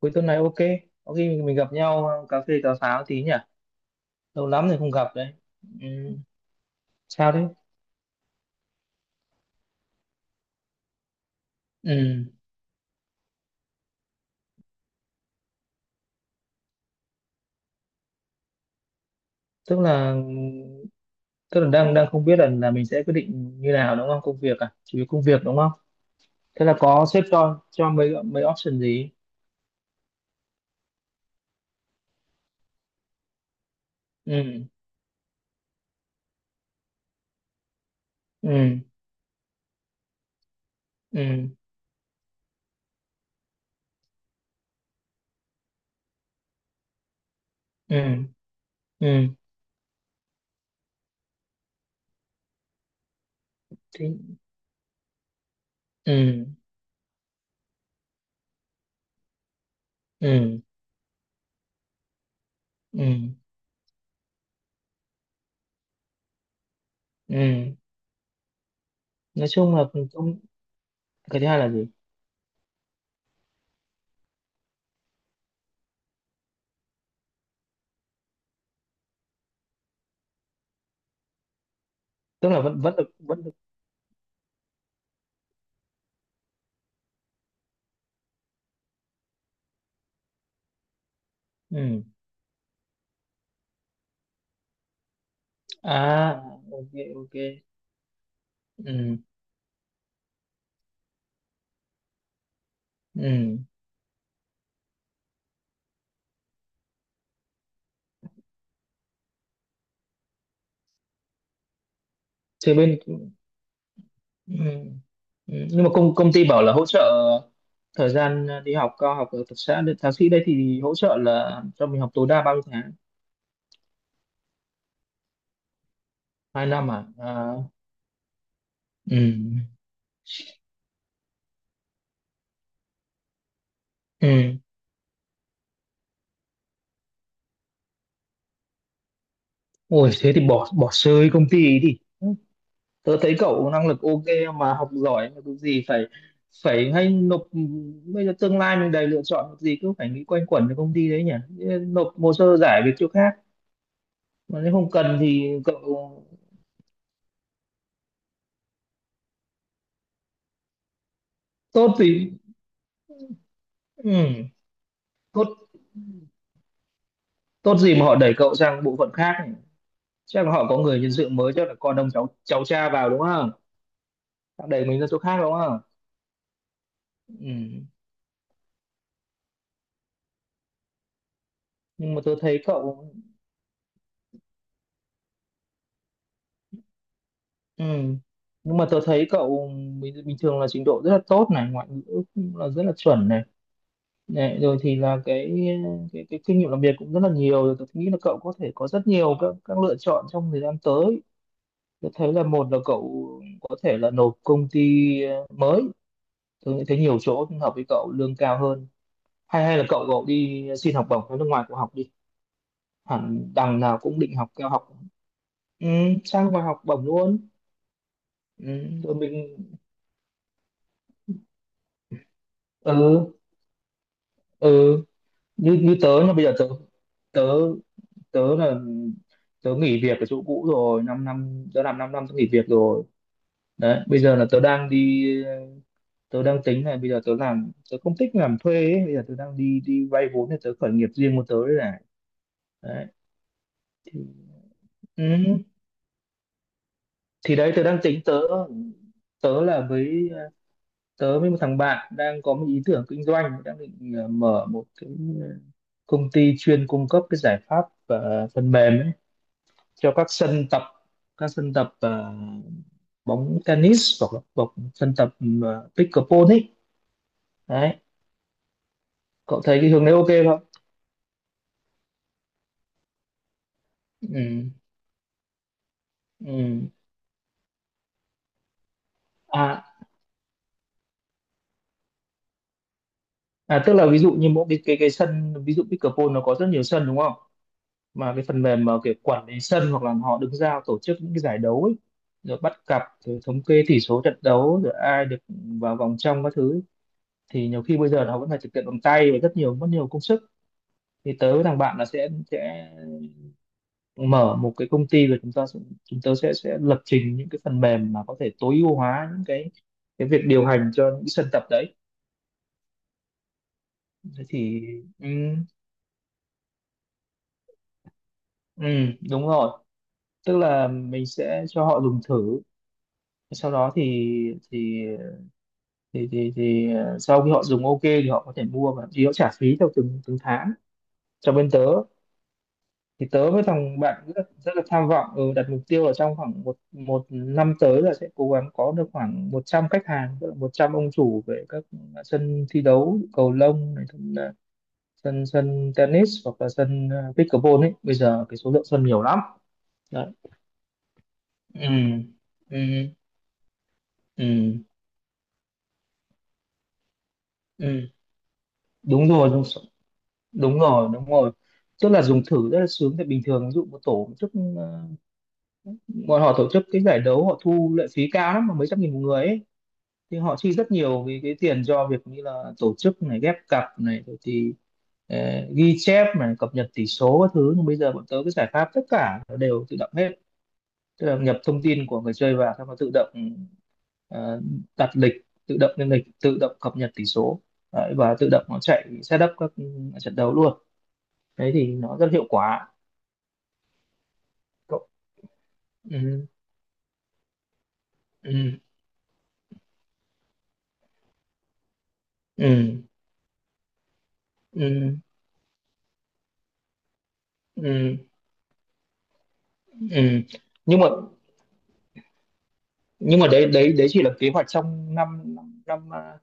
Cuối tuần này ok. Có khi mình gặp nhau, cà phê cà pháo tí nhỉ. Lâu lắm rồi không gặp đấy. Ừ. Sao đấy? Ừ. tức là tức là đang đang không biết là mình sẽ quyết định như nào đúng không, công việc à, chỉ vì công việc đúng không? Thế là có sếp cho mấy mấy option gì? Ừ. Ừ. Ừ. Ừ. Ừ. Thế. Ừ. Ừ. Ừ. Ừ. Nói chung là công. Cái thứ hai là gì? Tức là vẫn vẫn được vẫn được. Ừ. À, ok. Ok. Ừ. Ừ. Thì bên, ừ. Ừ. Nhưng mà công công ty bảo là hỗ trợ thời gian đi học cao học ở thực xã. Thế thạc sĩ đây thì hỗ trợ là cho mình học tối đa bao nhiêu tháng? 2 năm à? À. Ừ. Ừ. Ôi thế thì bỏ bỏ rơi công ty ấy đi. Tớ thấy cậu năng lực ok mà, học giỏi mà, cái gì phải. Hay nộp. Bây giờ tương lai mình đầy lựa chọn, cái gì cứ phải nghĩ quanh quẩn với công ty đấy nhỉ? Nộp hồ sơ giải việc chỗ khác, mà nếu không cần thì cậu. Tốt thì, ừ. tốt tốt gì mà họ đẩy cậu sang bộ phận khác nhỉ? Chắc là họ có người nhân sự mới, chắc là con ông cháu cháu cha vào đúng không? Họ đẩy mình ra chỗ khác đúng không? Ừ. nhưng mà tôi thấy cậu Ừ. Nhưng mà tôi thấy cậu bình thường là trình độ rất là tốt này, ngoại ngữ cũng là rất là chuẩn này. Này, rồi thì là cái kinh nghiệm làm việc cũng rất là nhiều rồi. Tôi nghĩ là cậu có thể có rất nhiều các lựa chọn trong thời gian tới. Tôi thấy là một là cậu có thể là nộp công ty, mới. Tôi nghĩ thấy nhiều chỗ hợp với cậu lương cao hơn. Hay hay là cậu cậu đi xin học bổng ở nước ngoài, cậu học đi, hẳn đằng nào cũng định học cao học. Ừ, sang ngoài học bổng luôn. Ừ, rồi mình. Ừ. Ừ. như như tớ là bây giờ tớ tớ Tớ là tớ nghỉ việc ở chỗ cũ rồi 5 năm năm. Tớ làm 5 năm năm, tớ nghỉ việc rồi. Đấy bây giờ là tớ đang đi. Tớ đang tính là bây giờ tớ làm, tớ không thích làm thuê ấy. Bây giờ tớ đang đi đi vay vốn để tớ khởi nghiệp riêng của tớ đấy này. Đấy. Thì, ừ, thì đấy tớ đang tính tớ. Tớ là với Tớ với một thằng bạn đang có một ý tưởng kinh doanh, đang định, mở một cái, ờ, công ty chuyên cung cấp cái giải pháp, phần mềm ấy, cho các sân tập, các sân tập ờ, bóng tennis hoặc là bóng sân tập, ừ, pickleball ấy. Đấy. Cậu thấy cái hướng đấy ok không? Ừ. Ừ. À, tức là ví dụ như mỗi cái sân, ví dụ pickleball nó có rất nhiều sân đúng không? Mà cái phần mềm mà kiểu quản lý sân hoặc là họ đứng ra tổ chức những cái giải đấu ấy, rồi bắt cặp, rồi thống kê tỷ số trận đấu, rồi ai được vào vòng trong các thứ ấy. Thì nhiều khi bây giờ là họ vẫn phải thực hiện bằng tay và rất nhiều, mất nhiều công sức. Thì tớ với thằng bạn là sẽ mở một cái công ty, rồi chúng tớ sẽ lập trình những cái phần mềm mà có thể tối ưu hóa những cái việc điều hành cho những sân tập đấy. Thế thì, ừ, ừ, đúng rồi. Tức là mình sẽ cho họ dùng thử, sau đó thì thì ờ, sau khi họ dùng ok thì họ có thể mua, và thì họ trả phí theo từng từng tháng cho bên tớ. Thì tớ với thằng bạn rất là tham vọng, ừ, đặt mục tiêu là trong khoảng một một năm tới là sẽ cố gắng có được khoảng 100 khách hàng, tức là 100 ông chủ về các sân thi đấu cầu lông này, cũng là sân sân tennis hoặc là sân, pickleball ấy. Bây giờ cái số lượng sân nhiều lắm đấy. Ừ. Ừ. Ừ. Ừ. Đúng rồi, đúng rồi, đúng rồi. Tức là dùng thử rất là sướng, tại bình thường ví dụ một tổ chức, ờ, bọn họ tổ chức cái giải đấu, họ thu lệ phí cao lắm, mà mấy trăm nghìn một người ấy. Thì họ chi rất nhiều vì cái tiền cho việc như là tổ chức này, ghép cặp này, rồi thì, ờ, ghi chép này, cập nhật tỷ số các thứ. Nhưng bây giờ bọn tớ cái giải pháp tất cả nó đều tự động hết, tức là nhập thông tin của người chơi vào xong nó tự động, ờ, đặt lịch, tự động lên lịch, tự động cập nhật tỷ số. Đấy, và tự động nó chạy setup các, ừ, trận đấu luôn. Đấy thì nó rất hiệu quả. Ừ. Ừ. Ừ. Ừ. Ừ. Ừ. nhưng mà nhưng mà đấy đấy đấy chỉ là kế hoạch trong năm năm năm, à,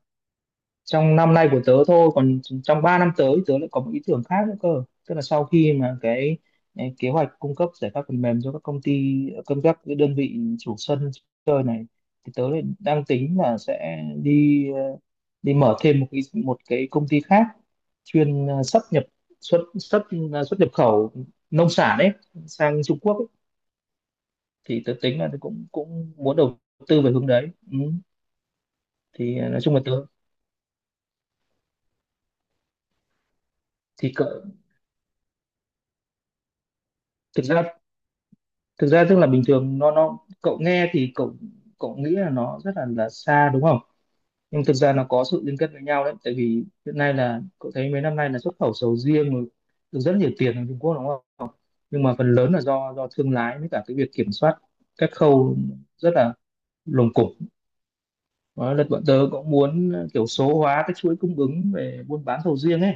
trong năm nay của tớ thôi, còn trong 3 năm tới tớ lại có một ý tưởng khác nữa cơ. Tức là sau khi mà cái kế hoạch cung cấp giải pháp phần mềm cho các công ty, các cái đơn vị chủ sân chơi này, thì tớ lại đang tính là sẽ đi, đi mở thêm một cái công ty khác chuyên, à, xuất nhập xuất xuất à, xuất nhập khẩu nông sản ấy sang Trung Quốc. Thì tớ tính là tớ cũng cũng muốn đầu tư về hướng đấy, ừ. Thì, à, nói chung là tớ. Thì cậu. Thực ra thực ra tức là bình thường nó cậu nghe thì cậu cậu nghĩ là nó rất là xa đúng không? Nhưng thực ra nó có sự liên kết với nhau đấy. Tại vì hiện nay là cậu thấy mấy năm nay là xuất khẩu sầu riêng rồi, được rất nhiều tiền ở Trung Quốc đúng không? Nhưng mà phần lớn là do thương lái, với cả cái việc kiểm soát các khâu rất là lồng cộp. Đó là bọn tớ cũng muốn kiểu số hóa cái chuỗi cung ứng về buôn bán sầu riêng ấy.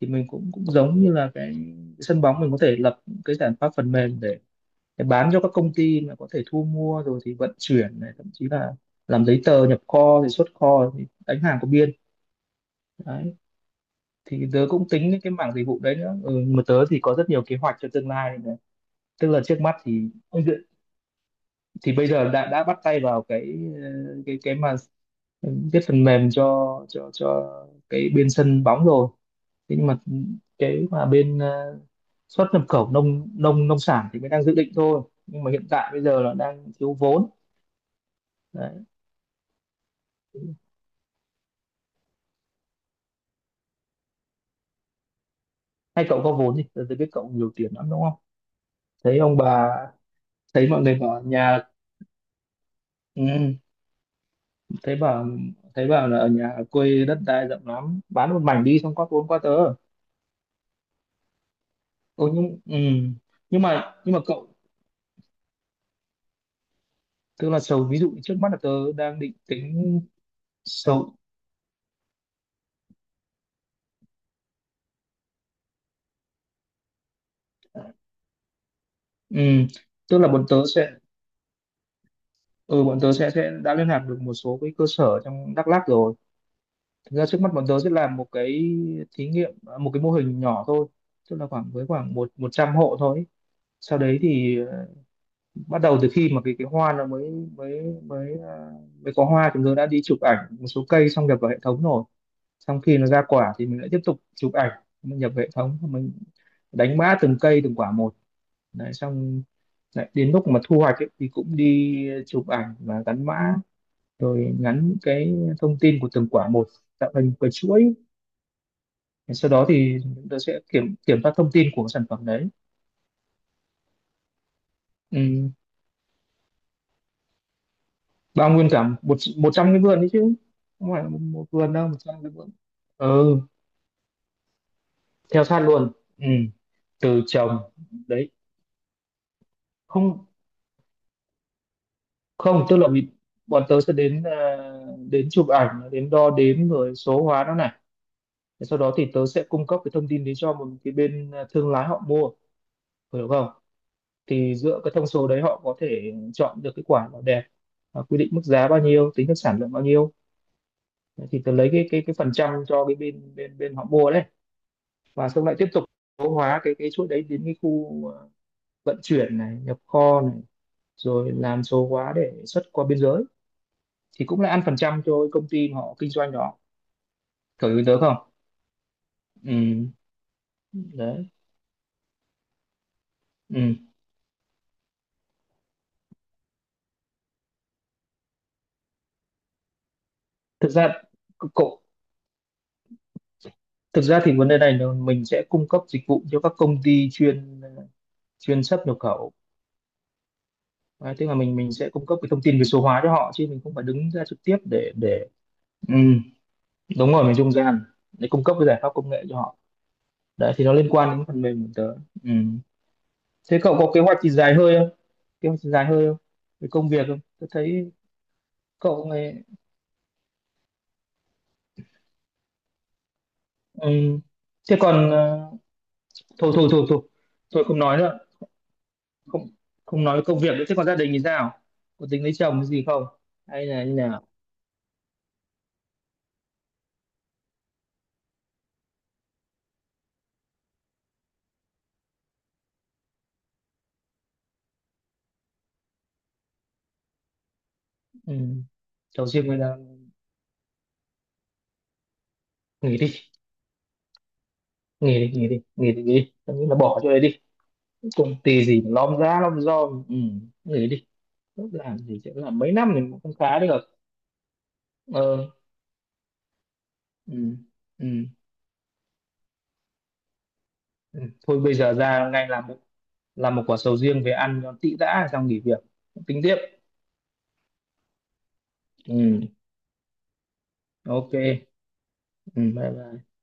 Thì mình cũng cũng giống như là cái sân bóng, mình có thể lập cái giải pháp phần mềm để bán cho các công ty mà có thể thu mua rồi thì vận chuyển này, thậm chí là làm giấy tờ nhập kho thì xuất kho thì đánh hàng có biên. Đấy. Thì tớ cũng tính đến cái mảng dịch vụ đấy nữa, ừ, mà tớ thì có rất nhiều kế hoạch cho tương lai này. Tức là trước mắt thì bây giờ đã bắt tay vào cái mà viết phần mềm cho cái bên sân bóng rồi. Thế nhưng mà cái mà bên, xuất nhập khẩu nông nông nông sản thì mới đang dự định thôi, nhưng mà hiện tại bây giờ là đang thiếu vốn. Đấy. Hay cậu có vốn thì tôi biết cậu nhiều tiền lắm đúng không? Thấy ông bà, thấy mọi người bảo nhà, ừ, thấy bảo thấy bảo là ở nhà ở quê đất đai rộng lắm, bán một mảnh đi xong có vốn qua tớ. Ô, nhưng ừ. Nhưng mà cậu, tức là ví dụ trước mắt là tớ đang định tính. sầu ừ. Tức là bọn tớ sẽ, ừ, bọn tớ sẽ đã liên lạc được một số cái cơ sở trong Đắk Lắk rồi. Thực ra trước mắt bọn tớ sẽ làm một cái thí nghiệm, à, một cái mô hình nhỏ thôi, tức là khoảng một một trăm hộ thôi ấy. Sau đấy thì, bắt đầu từ khi mà cái hoa nó mới mới mới, mới có hoa, chúng tớ đã đi chụp ảnh một số cây xong nhập vào hệ thống rồi. Xong khi nó ra quả thì mình lại tiếp tục chụp ảnh, mình nhập vào hệ thống, mình đánh mã từng cây, từng quả một. Đấy. Xong lại đến lúc mà thu hoạch ấy, thì cũng đi chụp ảnh và gắn mã, rồi ngắn cái thông tin của từng quả một, tạo thành một cái chuỗi. Sau đó thì chúng ta sẽ kiểm kiểm tra thông tin của cái sản phẩm đấy. Ừ. Bao nguyên cả một một trăm cái vườn đấy chứ, không phải là một vườn đâu, 100 cái vườn. Ừ, theo sát luôn. Ừ. Từ trồng. Đấy. Không, không, tức là vì bọn tớ sẽ đến, à, đến chụp ảnh, đến đo đếm rồi số hóa nó này. Thế sau đó thì tớ sẽ cung cấp cái thông tin đấy cho một cái bên, à, thương lái họ mua, hiểu không? Thì dựa cái thông số đấy họ có thể chọn được cái quả nào đẹp, à, quy định mức giá bao nhiêu, tính được sản lượng bao nhiêu. Đấy, thì tớ lấy cái phần trăm cho cái bên bên bên họ mua đấy. Và xong lại tiếp tục số hóa cái chuỗi đấy đến cái khu, vận chuyển này, nhập kho này, rồi làm số hóa để xuất qua biên giới, thì cũng là ăn phần trăm cho cái công ty mà họ kinh doanh đó. Cậu ý tớ không? Ừ. Đấy. Ừ. thực ra cậu Thực ra thì vấn đề này là mình sẽ cung cấp dịch vụ cho các công ty chuyên chuyên xuất nhập khẩu. À, tức là mình sẽ cung cấp cái thông tin về số hóa cho họ chứ mình không phải đứng ra trực tiếp để. Ừ, đúng rồi, mình trung gian để cung cấp cái giải pháp công nghệ cho họ. Đấy thì nó liên quan đến phần mềm của tớ. Ừ. Thế cậu có kế hoạch gì dài hơi không? kế hoạch gì dài hơi không Về công việc không? Tớ thấy cậu này. Ừ. Thế còn, thôi thôi thôi thôi thôi, không nói nữa. Không, không nói công việc nữa. Thế còn gia đình thì sao? Có tính lấy chồng cái gì không? Hay là như nào? Ừ. Chồng riêng hay là nghỉ đi, nghỉ đi, nghỉ đi, nghỉ đi, nghỉ đi. Tớ nghĩ là bỏ chỗ đấy đi, công ty gì mà lom ra lom rom. Ừ. Người đi làm gì chứ, làm mấy năm thì cũng không khá được. Ờ. Ừ, ừ, ừ. Thôi bây giờ ra ngay làm một quả sầu riêng về ăn cho tị đã, xong nghỉ việc tính tiếp. Ừ. Ok. Ừ. Bye bye.